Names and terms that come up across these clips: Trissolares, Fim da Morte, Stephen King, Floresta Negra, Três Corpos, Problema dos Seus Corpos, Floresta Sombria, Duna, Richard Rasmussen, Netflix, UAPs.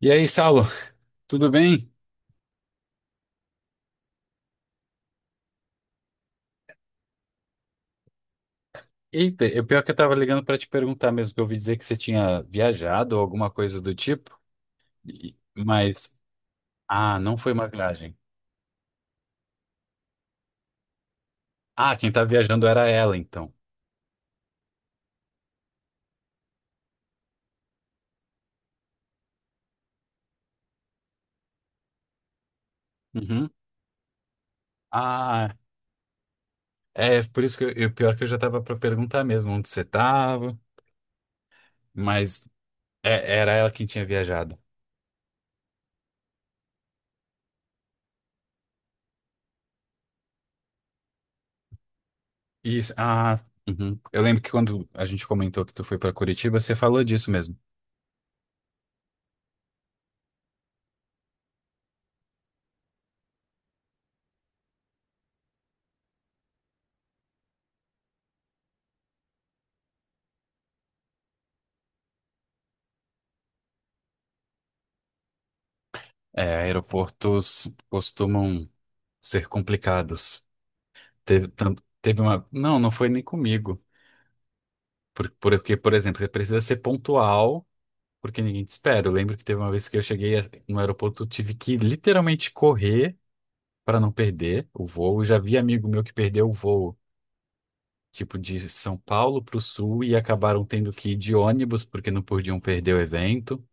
E aí, Saulo, tudo bem? Eita, é pior que eu tava ligando pra te perguntar mesmo, que eu ouvi dizer que você tinha viajado ou alguma coisa do tipo, e- mas, ah, não foi uma viagem. Ah, quem tá viajando era ela, então. Uhum. Ah, é por isso que pior que eu já tava pra perguntar mesmo onde você tava, mas era ela quem tinha viajado. Isso, ah, uhum. Eu lembro que quando a gente comentou que tu foi pra Curitiba, você falou disso mesmo. É, aeroportos costumam ser complicados. Teve, tanto, teve uma. Não, não foi nem comigo. Porque, por exemplo, você precisa ser pontual, porque ninguém te espera. Eu lembro que teve uma vez que no aeroporto, eu tive que literalmente correr para não perder o voo. Eu já vi amigo meu que perdeu o voo, tipo, de São Paulo para o Sul e acabaram tendo que ir de ônibus porque não podiam perder o evento.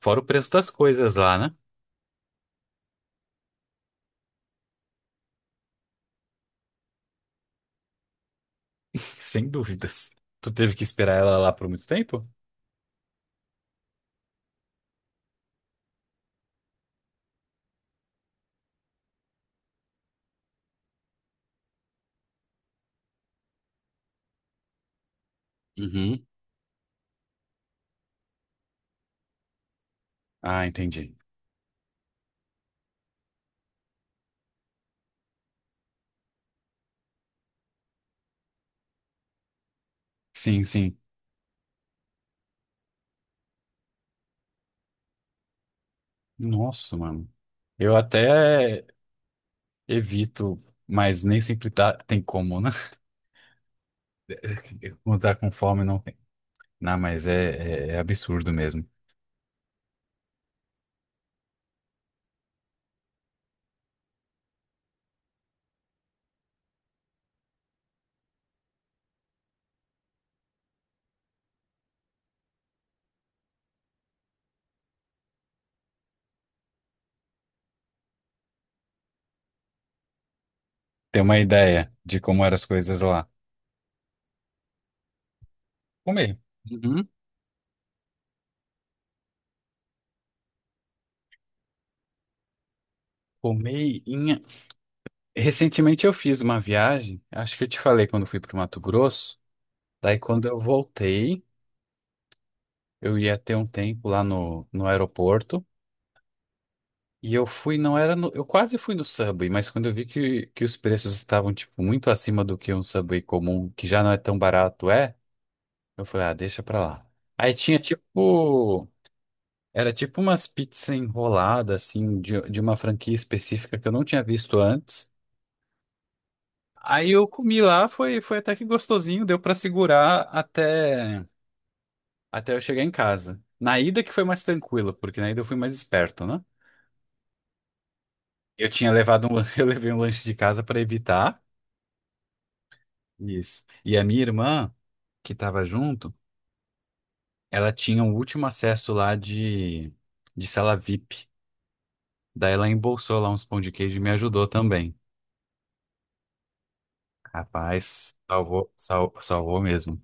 Fora o preço das coisas lá, né? Sem dúvidas. Tu teve que esperar ela lá por muito tempo? Uhum. Ah, entendi. Sim, sim. Nossa, mano. Eu até evito, mas nem sempre tem como, né? Quando tá com fome, não tem. Não, mas é absurdo mesmo. Ter uma ideia de como eram as coisas lá. Comer. Uhum. Comer em... Recentemente eu fiz uma viagem, acho que eu te falei quando fui pro Mato Grosso. Daí quando eu voltei, eu ia ter um tempo lá no aeroporto. E eu fui, não era no, eu quase fui no Subway, mas quando eu vi que os preços estavam, tipo, muito acima do que um Subway comum, que já não é tão barato, é, eu falei, ah, deixa pra lá. Aí tinha, tipo, era tipo umas pizzas enroladas, assim, de uma franquia específica que eu não tinha visto antes. Aí eu comi lá, foi até que gostosinho, deu pra segurar até, até eu chegar em casa. Na ida que foi mais tranquilo, porque na ida eu fui mais esperto, né? Eu tinha levado um, eu levei um lanche de casa pra evitar. Isso. E a minha irmã, que estava junto, ela tinha o último acesso lá de sala VIP. Daí ela embolsou lá uns pão de queijo e me ajudou também. Rapaz, salvou mesmo.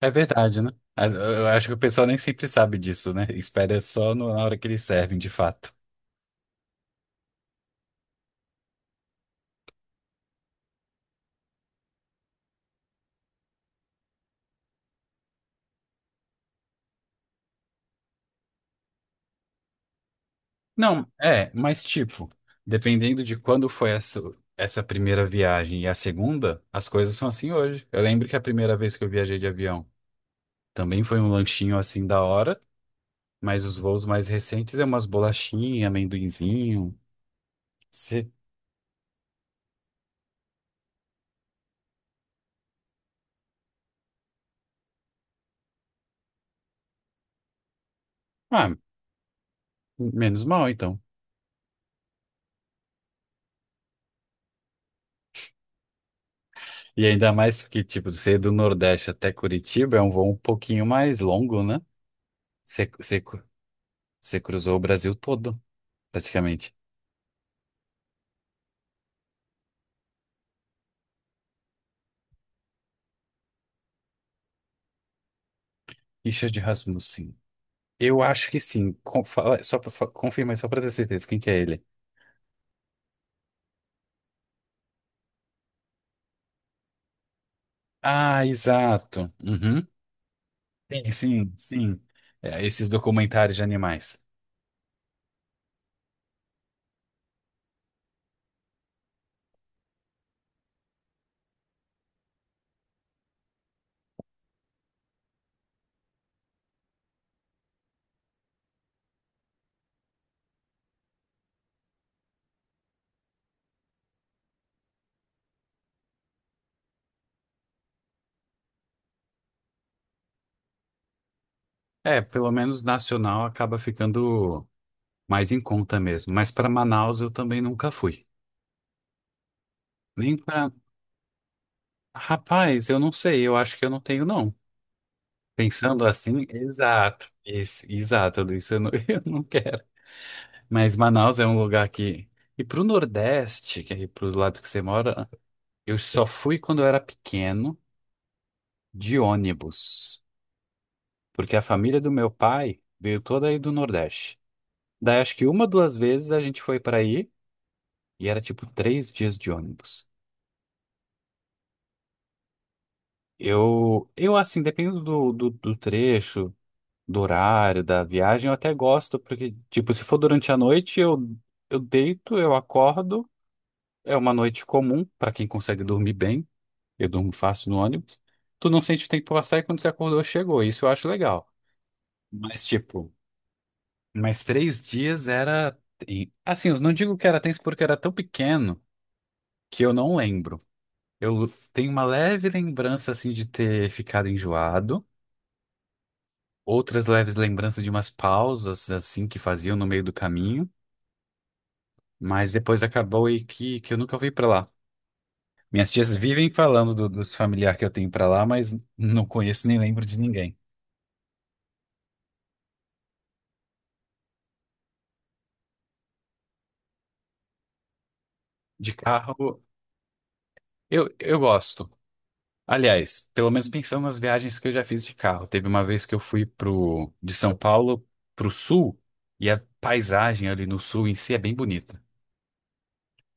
É verdade, né? Mas eu acho que o pessoal nem sempre sabe disso, né? Espera só na hora que eles servem, de fato. Não, é, mas tipo, dependendo de quando foi essa primeira viagem e a segunda, as coisas são assim hoje. Eu lembro que a primeira vez que eu viajei de avião. Também foi um lanchinho assim da hora, mas os voos mais recentes é umas bolachinhas, amendoinzinho. Cê- Ah, menos mal então. E ainda mais porque, tipo, ser do Nordeste até Curitiba é um voo um pouquinho mais longo, né? Você você você cruzou o Brasil todo, praticamente. Richard Rasmussen. Eu acho que sim. Só pra, confirma aí, só pra ter certeza. Quem que é ele? Ah, exato. Uhum. Sim, sim. É, esses documentários de animais. É, pelo menos nacional acaba ficando mais em conta mesmo. Mas para Manaus eu também nunca fui. Nem para. Rapaz, eu não sei, eu acho que eu não tenho, não. Pensando assim, exato. Exato, tudo isso eu não, eu não quero. Mas Manaus é um lugar que. E pro Nordeste, que é pro lado que você mora, eu só fui quando eu era pequeno, de ônibus. Porque a família do meu pai veio toda aí do Nordeste. Daí acho que uma, duas vezes a gente foi para aí. E era tipo três dias de ônibus. Eu assim, dependendo do trecho, do horário, da viagem, eu até gosto, porque, tipo, se for durante a noite, eu deito, eu acordo. É uma noite comum para quem consegue dormir bem. Eu durmo fácil no ônibus. Tu não sente o tempo passar e quando você acordou, chegou. Isso eu acho legal. Mas, tipo, mas três dias era. Assim, eu não digo que era tenso porque era tão pequeno que eu não lembro. Eu tenho uma leve lembrança, assim, de ter ficado enjoado. Outras leves lembranças de umas pausas, assim, que faziam no meio do caminho. Mas depois acabou e que eu nunca fui pra lá. Minhas tias vivem falando dos familiares que eu tenho pra lá, mas não conheço nem lembro de ninguém. De carro, eu gosto. Aliás, pelo menos pensando nas viagens que eu já fiz de carro. Teve uma vez que eu fui pro, de São Paulo pro sul, e a paisagem ali no sul em si é bem bonita.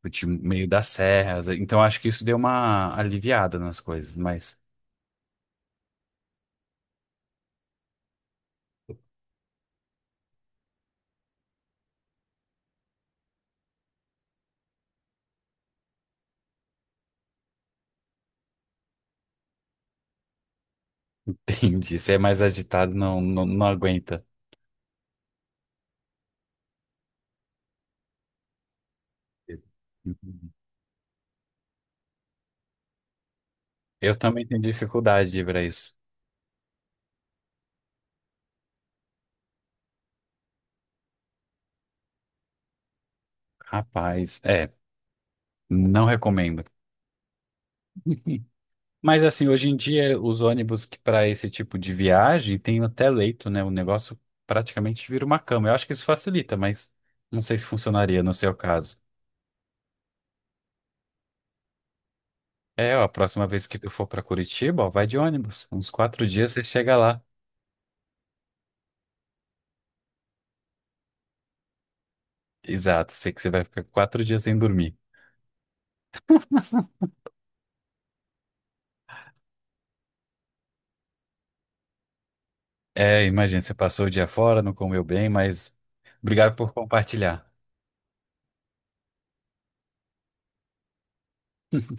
De meio das serras. Então acho que isso deu uma aliviada nas coisas, mas entendi. Se é mais agitado, não aguenta. Eu também tenho dificuldade de ir pra isso. Rapaz, é, não recomendo. Mas assim, hoje em dia, os ônibus que para esse tipo de viagem tem até leito, né? O negócio praticamente vira uma cama. Eu acho que isso facilita, mas não sei se funcionaria no seu caso. É, ó, a próxima vez que tu for para Curitiba, ó, vai de ônibus. Uns quatro dias você chega lá. Exato, sei que você vai ficar quatro dias sem dormir. É, imagina, você passou o dia fora, não comeu bem, mas obrigado por compartilhar.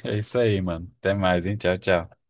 É isso aí, mano. Até mais, hein? Tchau, tchau.